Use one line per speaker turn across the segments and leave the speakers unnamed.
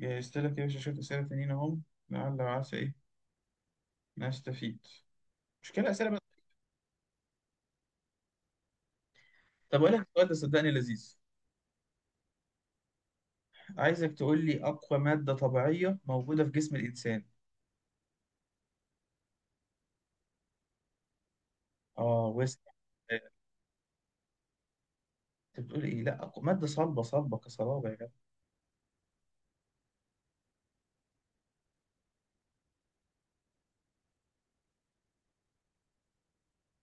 جهزت لك يا باشا شوية أسئلة تانيين أهم. لعل وعسى إيه نستفيد؟ مش كده أسئلة بقى؟ طب أقول لك السؤال ده صدقني لذيذ. عايزك تقول لي أقوى مادة طبيعية موجودة في جسم الإنسان. وسع. أنت بتقول إيه؟ لا، أقوى مادة صلبة، صلبة كصلابة يا جدع.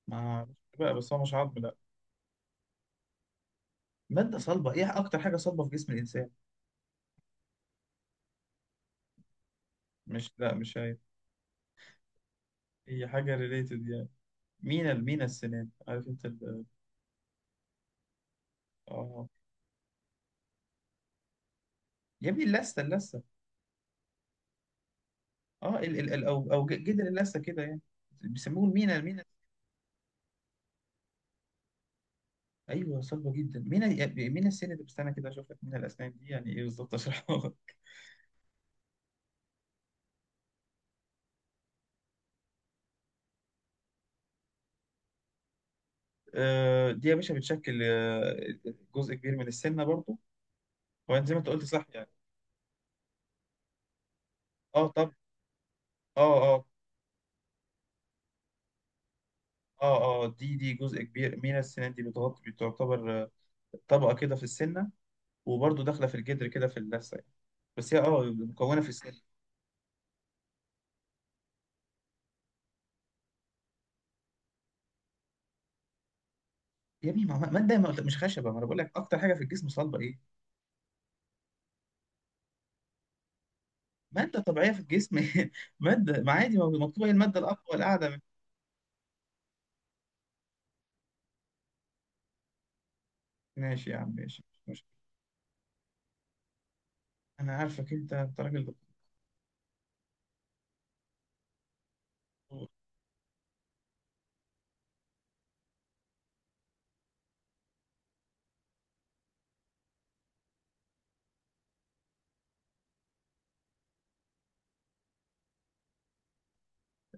ما أعرفش بقى، بس هو مش عظم لا. مادة صلبة، إيه أكتر حاجة صلبة في جسم الإنسان؟ مش، لا مش هي. هي حاجة ريليتد يعني. مينا، المينا السنان، عارف أنت آه يا ابني اللثة، اللثة. أو أو جدر اللثة كده يعني. بيسموه المينا، المينا. ايوه صعبه جدا. مين مين السن اللي بستنى كده اشوف لك. مين الاسنان دي يعني ايه بالظبط؟ اشرحها لك. دي يا باشا بتشكل جزء كبير من السنه برضو. هو زي ما انت قلت صح يعني. اه طب. اه اه اه دي دي جزء كبير مين السنان، دي بتغطي، بتعتبر طبقه كده في السنه، وبرضو داخله في الجدر كده في اللثه يعني. بس هي اه مكونه في السن. يا ابني ماده، ما قلت- مش خشبه، ما انا بقول لك اكتر حاجه في الجسم صلبه ايه. ماده طبيعيه في الجسم. ماده، ما عادي ما مكتوبه هي الماده الاقوى، القاعده. ماشي يا عم، ماشي. انا عارفك انت، أنت راجل دكتور.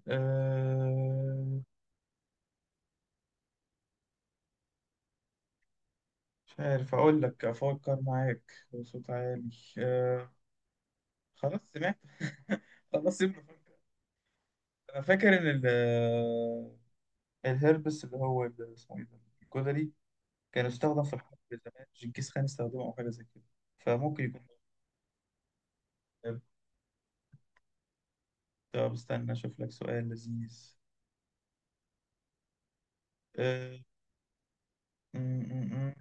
أه... مش عارف اقول لك، افكر معاك بصوت عالي. أه... خلاص سمعت. خلاص سيبني أفكر. انا فاكر ان ال الهربس، اللي هو اسمه ايه ده، الجدري. كان استخدم في الحرب زمان، جنكيز خان استخدمه او حاجه زي كده، فممكن يكون الهرب. طب استنى اشوف لك سؤال لذيذ. أه... م- م- م.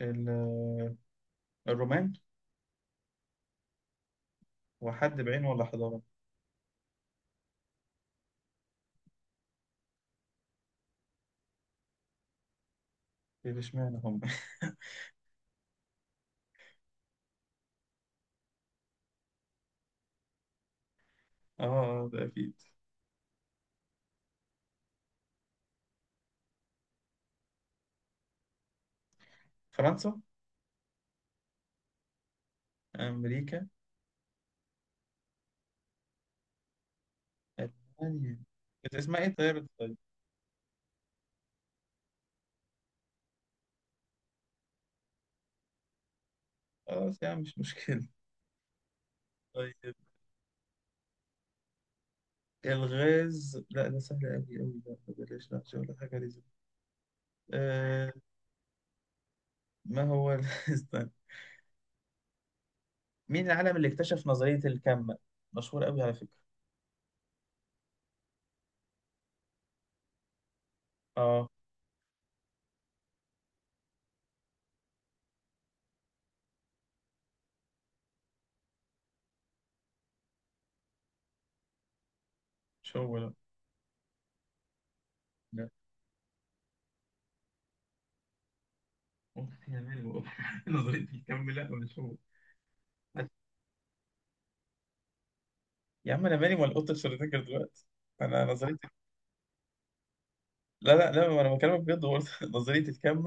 ال- آه، الرومان. هو حد بعينه ولا حضاره؟ إيه، اشمعنى هم؟ اه، ده اكيد. فرنسا. أمريكا. ألمانيا. كانت اسمها إيه طيب الطيب؟ خلاص يا عم مش مشكلة. طيب الغاز، لا ده سهل أوي أوي، لا ده بلاش، لا مش هقول حاجة لازم. آه، ما هو ال- استنى. مين العالم اللي اكتشف نظرية الكم؟ مشهور أوي على فكرة. آه، مش هو لا. لا أختي يا مالي والله. نظرية الكم، لا مش هو. يا عم أنا مالي ولا قطة شرودنجر دلوقتي؟ أنا نظرية. لا لا لا أنا بكلمك بجد، هو نظرية الكم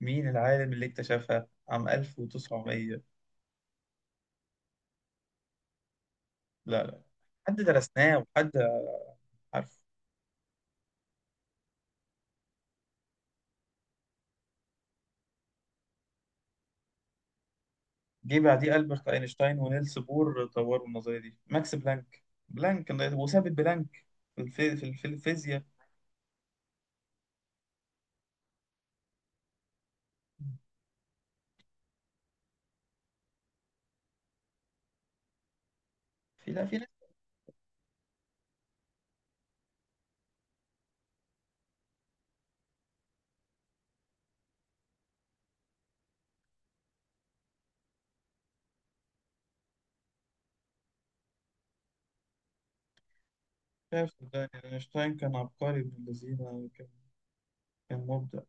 مين العالم اللي اكتشفها عام 1900؟ لا لا، حد درسناه وحد عارفه. جه بعديه ألبرت أينشتاين ونيلس بور طوروا النظرية دي. ماكس بلانك، بلانك وثابت بلانك، في الفيزياء. في لا في ناس. شايف صدقني أينشتاين كان عبقري ابن الذين، كان كان مبدع.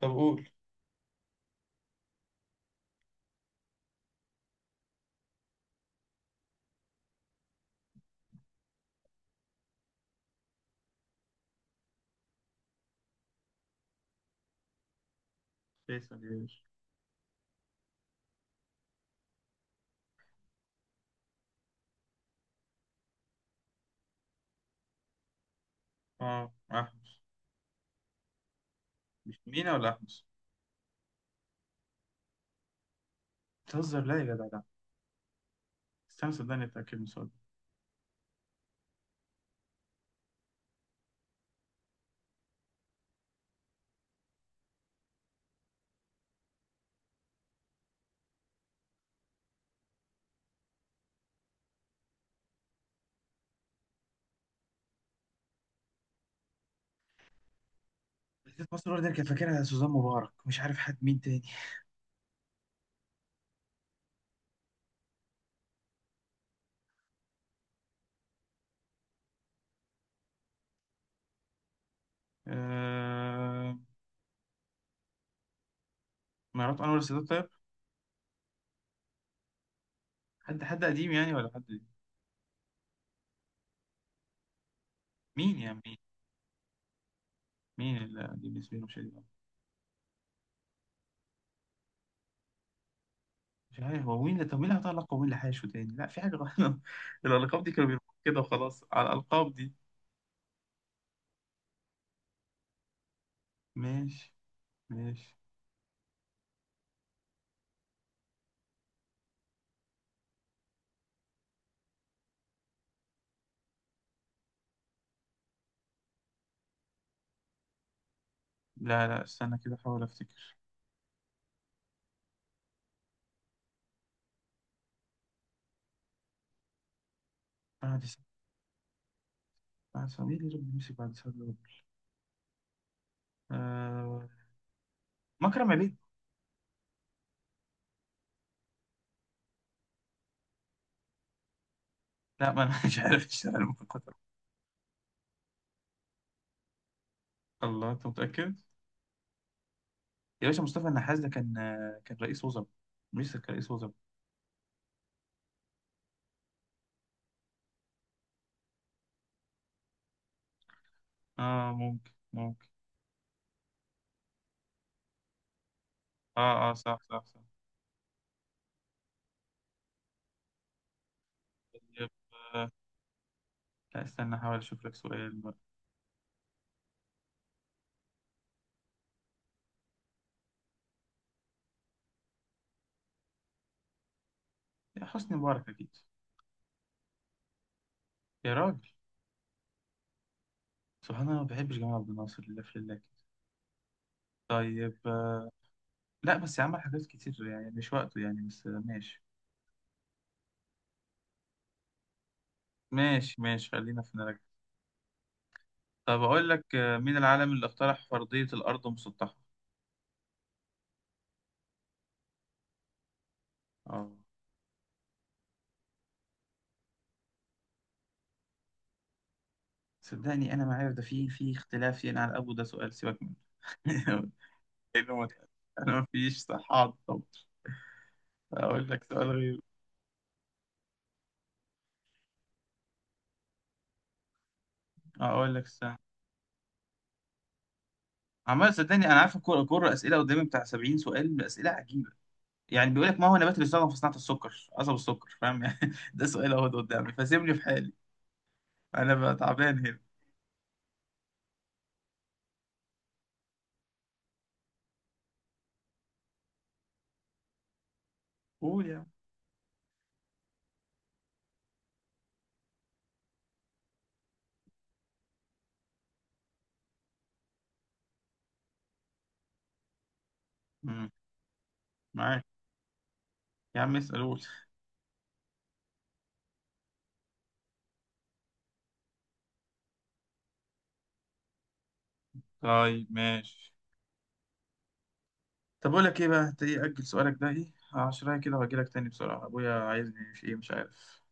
طب قول. فيصل يا باشا. اه أحمس. مش مينا ولا أحمس؟ بتهزر، لا يا جدع لا. استنى، صدقني اتأكد من السؤال ده. نسيت، مصر الأولى دي كان فاكرها سوزان مبارك، مش عارف حد مين تاني. آه... مرات أنور السادات طيب؟ حد حد قديم يعني ولا حد؟ مين يعني مين؟ مين اللي قديم بالنسبة له مش قديم؟ مش عارف، هو مين اللي طب مين اللي هيحط لقب ومين اللي هيشو تاني؟ لا في حاجة غلط. الألقاب دي كانوا بيرموها كده وخلاص على الألقاب دي. ماشي، ماشي. لا لا استنى كده أحاول أفتكر. بعد سنة، بعد سنة، مين اللي ربنا يمسك بعد سنة دول؟ آه... مكرم عبيد. لا ما أنا مش عارف اشتغل مقدر. الله، أنت متأكد؟ يا باشا مصطفى النحاس ده كان، كان رئيس وزراء، مش كان رئيس وزراء؟ اه ممكن، ممكن. اه اه صح صح صح. طيب آه، لا استنى احاول اشوف لك سؤال بقى. يا حسني مبارك اكيد. يا راجل، سبحان الله، ما بحبش جمال عبد الناصر لله في لله كده. طيب لا بس عمل حاجات كتير يعني، مش وقته يعني، بس ماشي. ماشي ماشي، خلينا في نرجع. طب اقول لك مين العالم اللي اقترح فرضية الارض مسطحة؟ اه صدقني انا ما عارف، ده في في اختلاف يعني على ابو، ده سؤال سيبك منه. لانه متعب. انا ما فيش صحة على الضبط. اقول لك سؤال غير. اقول لك، عمال صدقني انا عارف الكوره، الكوره اسئله قدامي بتاع 70 سؤال، باسئله عجيبه يعني. بيقول لك ما هو النبات اللي استخدم في صناعه السكر؟ قصب السكر، فاهم يعني؟ ده سؤال اهو قدامي، فسيبني في حالي، انا بقى تعبان هنا. قول يا عم. مم، معاك. يا عم اسال، قول. طيب ماشي. طب اقول لك ايه بقى، انت ايه اجل سؤالك ده ايه؟ 10 كده، وهجي لك تاني بسرعه، ابويا عايزني في ايه مش عارف.